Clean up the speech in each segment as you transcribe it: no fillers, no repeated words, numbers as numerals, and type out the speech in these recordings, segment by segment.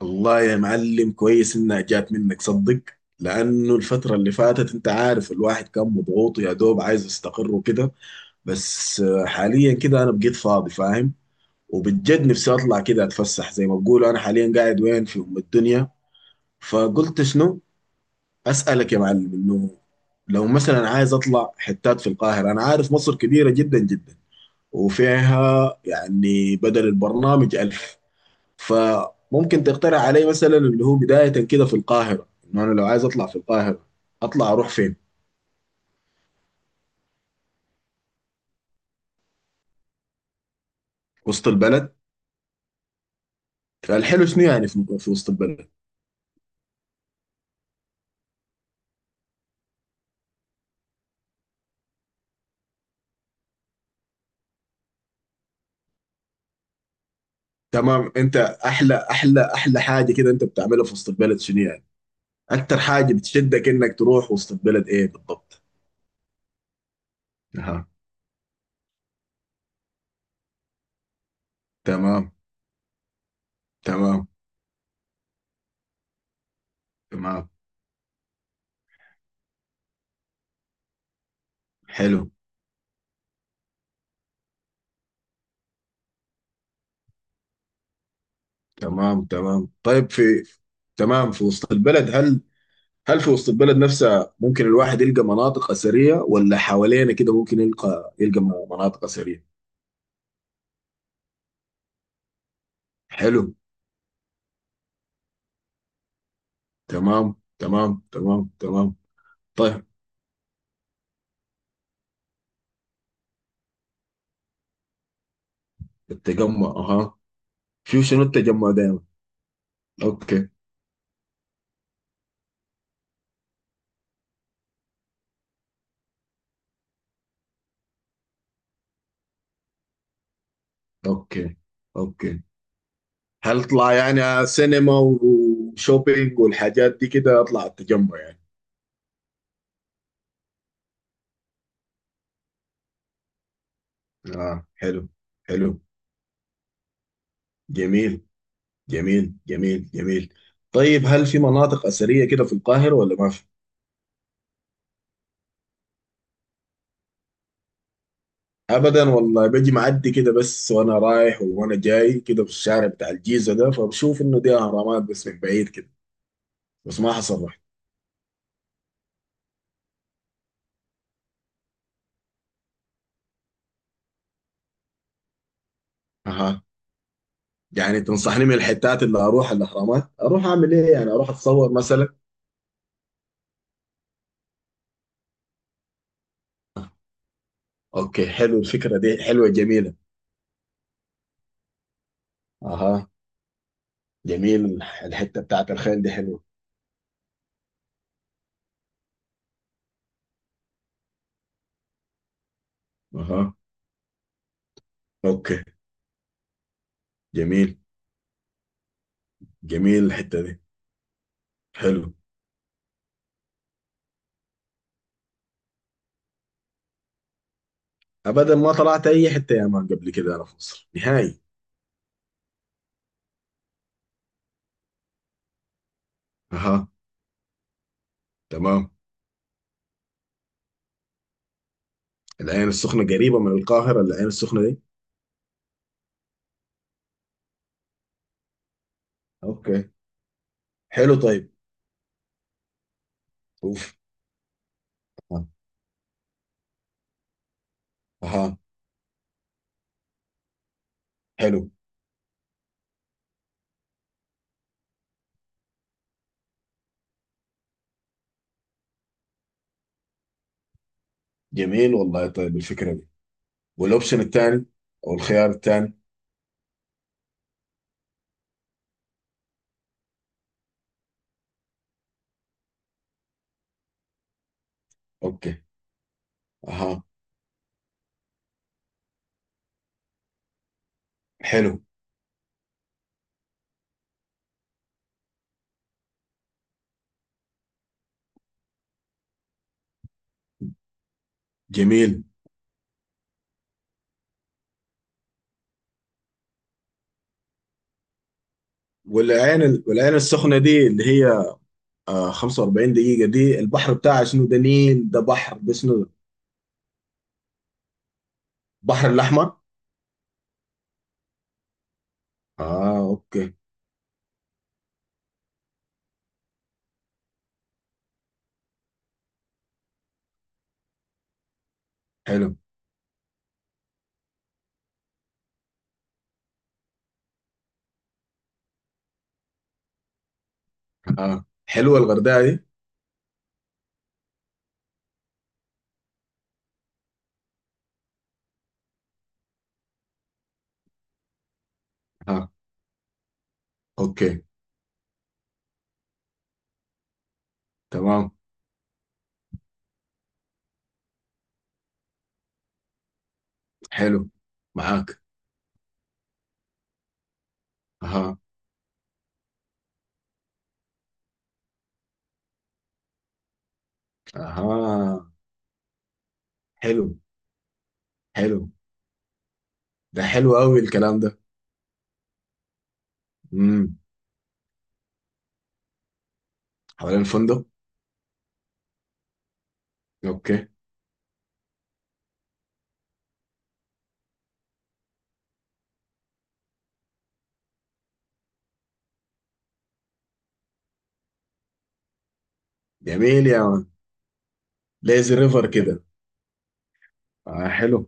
والله يا معلم، كويس انها جات منك صدق. لانه الفترة اللي فاتت انت عارف الواحد كان مضغوط، يا دوب عايز يستقر وكده. بس حاليا كده انا بقيت فاضي، فاهم. وبجد نفسي اطلع كده اتفسح زي ما بقولوا. انا حاليا قاعد وين في ام الدنيا، فقلت شنو اسالك يا معلم انه لو مثلا عايز اطلع حتات في القاهرة. انا عارف مصر كبيرة جدا جدا وفيها يعني بدل البرنامج ألف، فممكن تقترح علي مثلا اللي هو بداية كده في القاهرة، انه انا لو عايز اطلع في القاهرة اطلع اروح فين؟ وسط البلد. فالحلو شنو يعني في وسط البلد؟ تمام. انت احلى احلى احلى حاجة كده انت بتعملها في وسط البلد شنو يعني؟ اكتر حاجة بتشدك انك تروح وسط البلد ايه بالضبط؟ اها. تمام تمام تمام. حلو. تمام تمام، طيب. في تمام. في وسط البلد، هل هل في وسط البلد نفسها ممكن الواحد يلقى مناطق أثرية، ولا حوالينا كده ممكن يلقى مناطق أثرية؟ حلو. تمام تمام تمام تمام. طيب. التجمع، أها. شوف شنو التجمع دايما. أوكي أوكي أوكي. هل أطلع يعني سينما وشوبينج والحاجات دي كده أطلع التجمع يعني؟ آه حلو. حلو. جميل جميل جميل جميل. طيب، هل في مناطق أثرية كده في القاهرة ولا ما في؟ ابدا والله، باجي معدي كده بس، وانا رايح وانا جاي كده في الشارع بتاع الجيزه ده، فبشوف انه دي اهرامات بس من بعيد كده، بس ما حصل رحت. اها. يعني تنصحني من الحتات اللي اروح الاهرامات اروح اعمل ايه؟ يعني اروح اتصور مثلا؟ اوكي حلو، الفكره دي حلوه جميله. اها. جميل، الحته بتاعت الخيل دي حلوه. اها. اوكي. جميل. جميل الحته دي. حلو. ابدا، ما طلعت اي حته يا مان قبل كده انا في مصر نهائي. اها. تمام. العين السخنة قريبة من القاهرة العين السخنة دي؟ اوكي. حلو، طيب. اوف. اها. أها. حلو. جميل والله طيب الفكرة دي. والاوبشن الثاني، او الخيار الثاني. اوكي. اها. حلو. جميل. والعين السخنة دي اللي هي 45 دقيقة، دي البحر بتاعها شنو؟ ده نيل ده بحر ده شنو ده؟ البحر الأحمر. اه اوكي. حلو. اه حلوة الغردقة دي. اه. اوكي. تمام. حلو. معاك. اها. اها. حلو حلو. ده حلو قوي الكلام ده. امم. حوالين الفندق. اوكي. جميل يا مان. ليزي ريفر كده. آه حلو.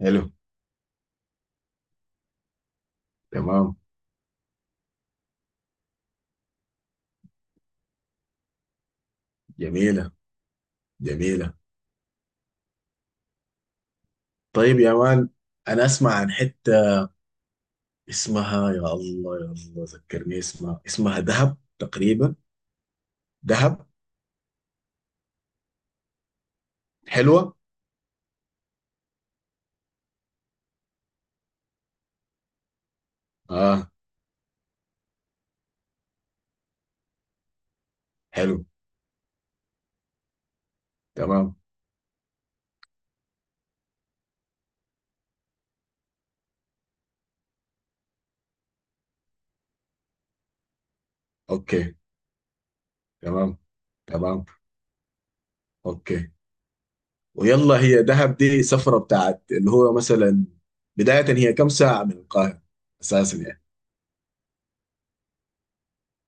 حلو. تمام. جميلة. جميلة. طيب يا مان، انا اسمع عن حتة اسمها، يا الله يا الله ذكرني اسمها، اسمها دهب تقريبا. دهب. حلوة. اه. حلو. تمام. اوكي تمام تمام اوكي. ويلا، هي دهب دي سفرة بتاعت اللي هو مثلا بداية، هي كم ساعة من القاهرة اساسا يعني؟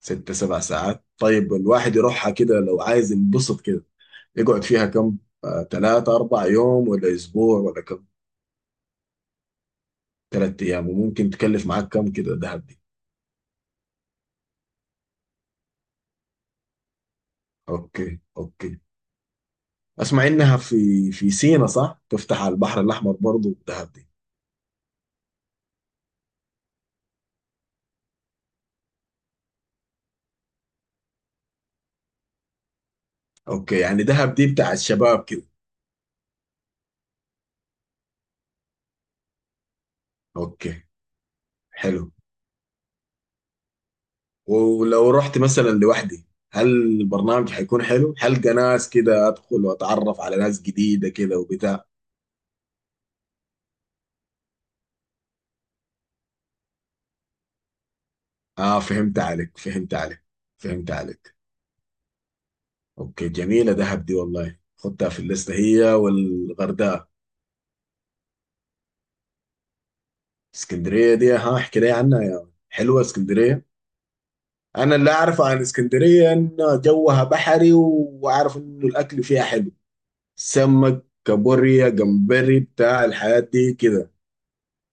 ست سبع ساعات، طيب الواحد يروحها كده لو عايز ينبسط كده يقعد فيها كم؟ تلاتة أربع يوم، ولا أسبوع ولا كم؟ تلات أيام. وممكن تكلف معاك كم كده دهب دي؟ أوكي أوكي. أسمع إنها في في سينا صح؟ تفتح على البحر الأحمر برضه دهب دي؟ أوكي، يعني دهب دي بتاع الشباب كده. أوكي. حلو. ولو رحت مثلا لوحدي، هل البرنامج حيكون حلو؟ حلقة ناس كده أدخل وأتعرف على ناس جديدة كده وبتاع؟ اه فهمت عليك. فهمت عليك. فهمت عليك. اوكي، جميلة دهب دي والله، خدتها في الليستة هي والغردقة. اسكندرية دي، ها احكي لي عنها يا ولد. حلوة اسكندرية. انا اللي اعرفه عن اسكندرية ان جوها بحري، واعرف انه الاكل فيها حلو، سمك كابوريا جمبري بتاع الحياة دي كده.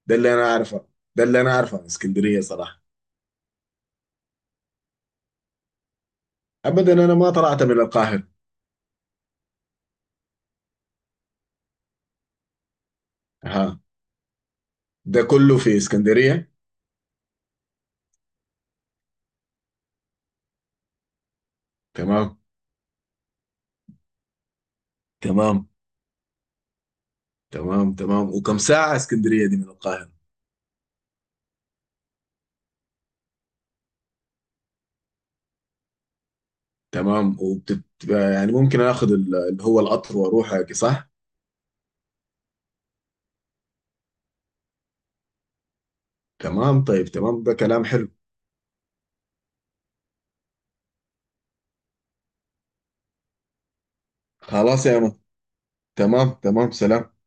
ده اللي انا اعرفه. ده اللي انا اعرفه عن اسكندرية صراحة. ابدا، انا ما طلعت من القاهرة. ها. ده كله في اسكندرية؟ تمام. تمام تمام تمام. وكم ساعة اسكندرية دي من القاهرة؟ تمام. وبتبقى يعني ممكن اخذ اللي هو القطر واروح هيك، صح؟ تمام، طيب. تمام، ده كلام حلو. خلاص يا مان. تمام تمام، سلام.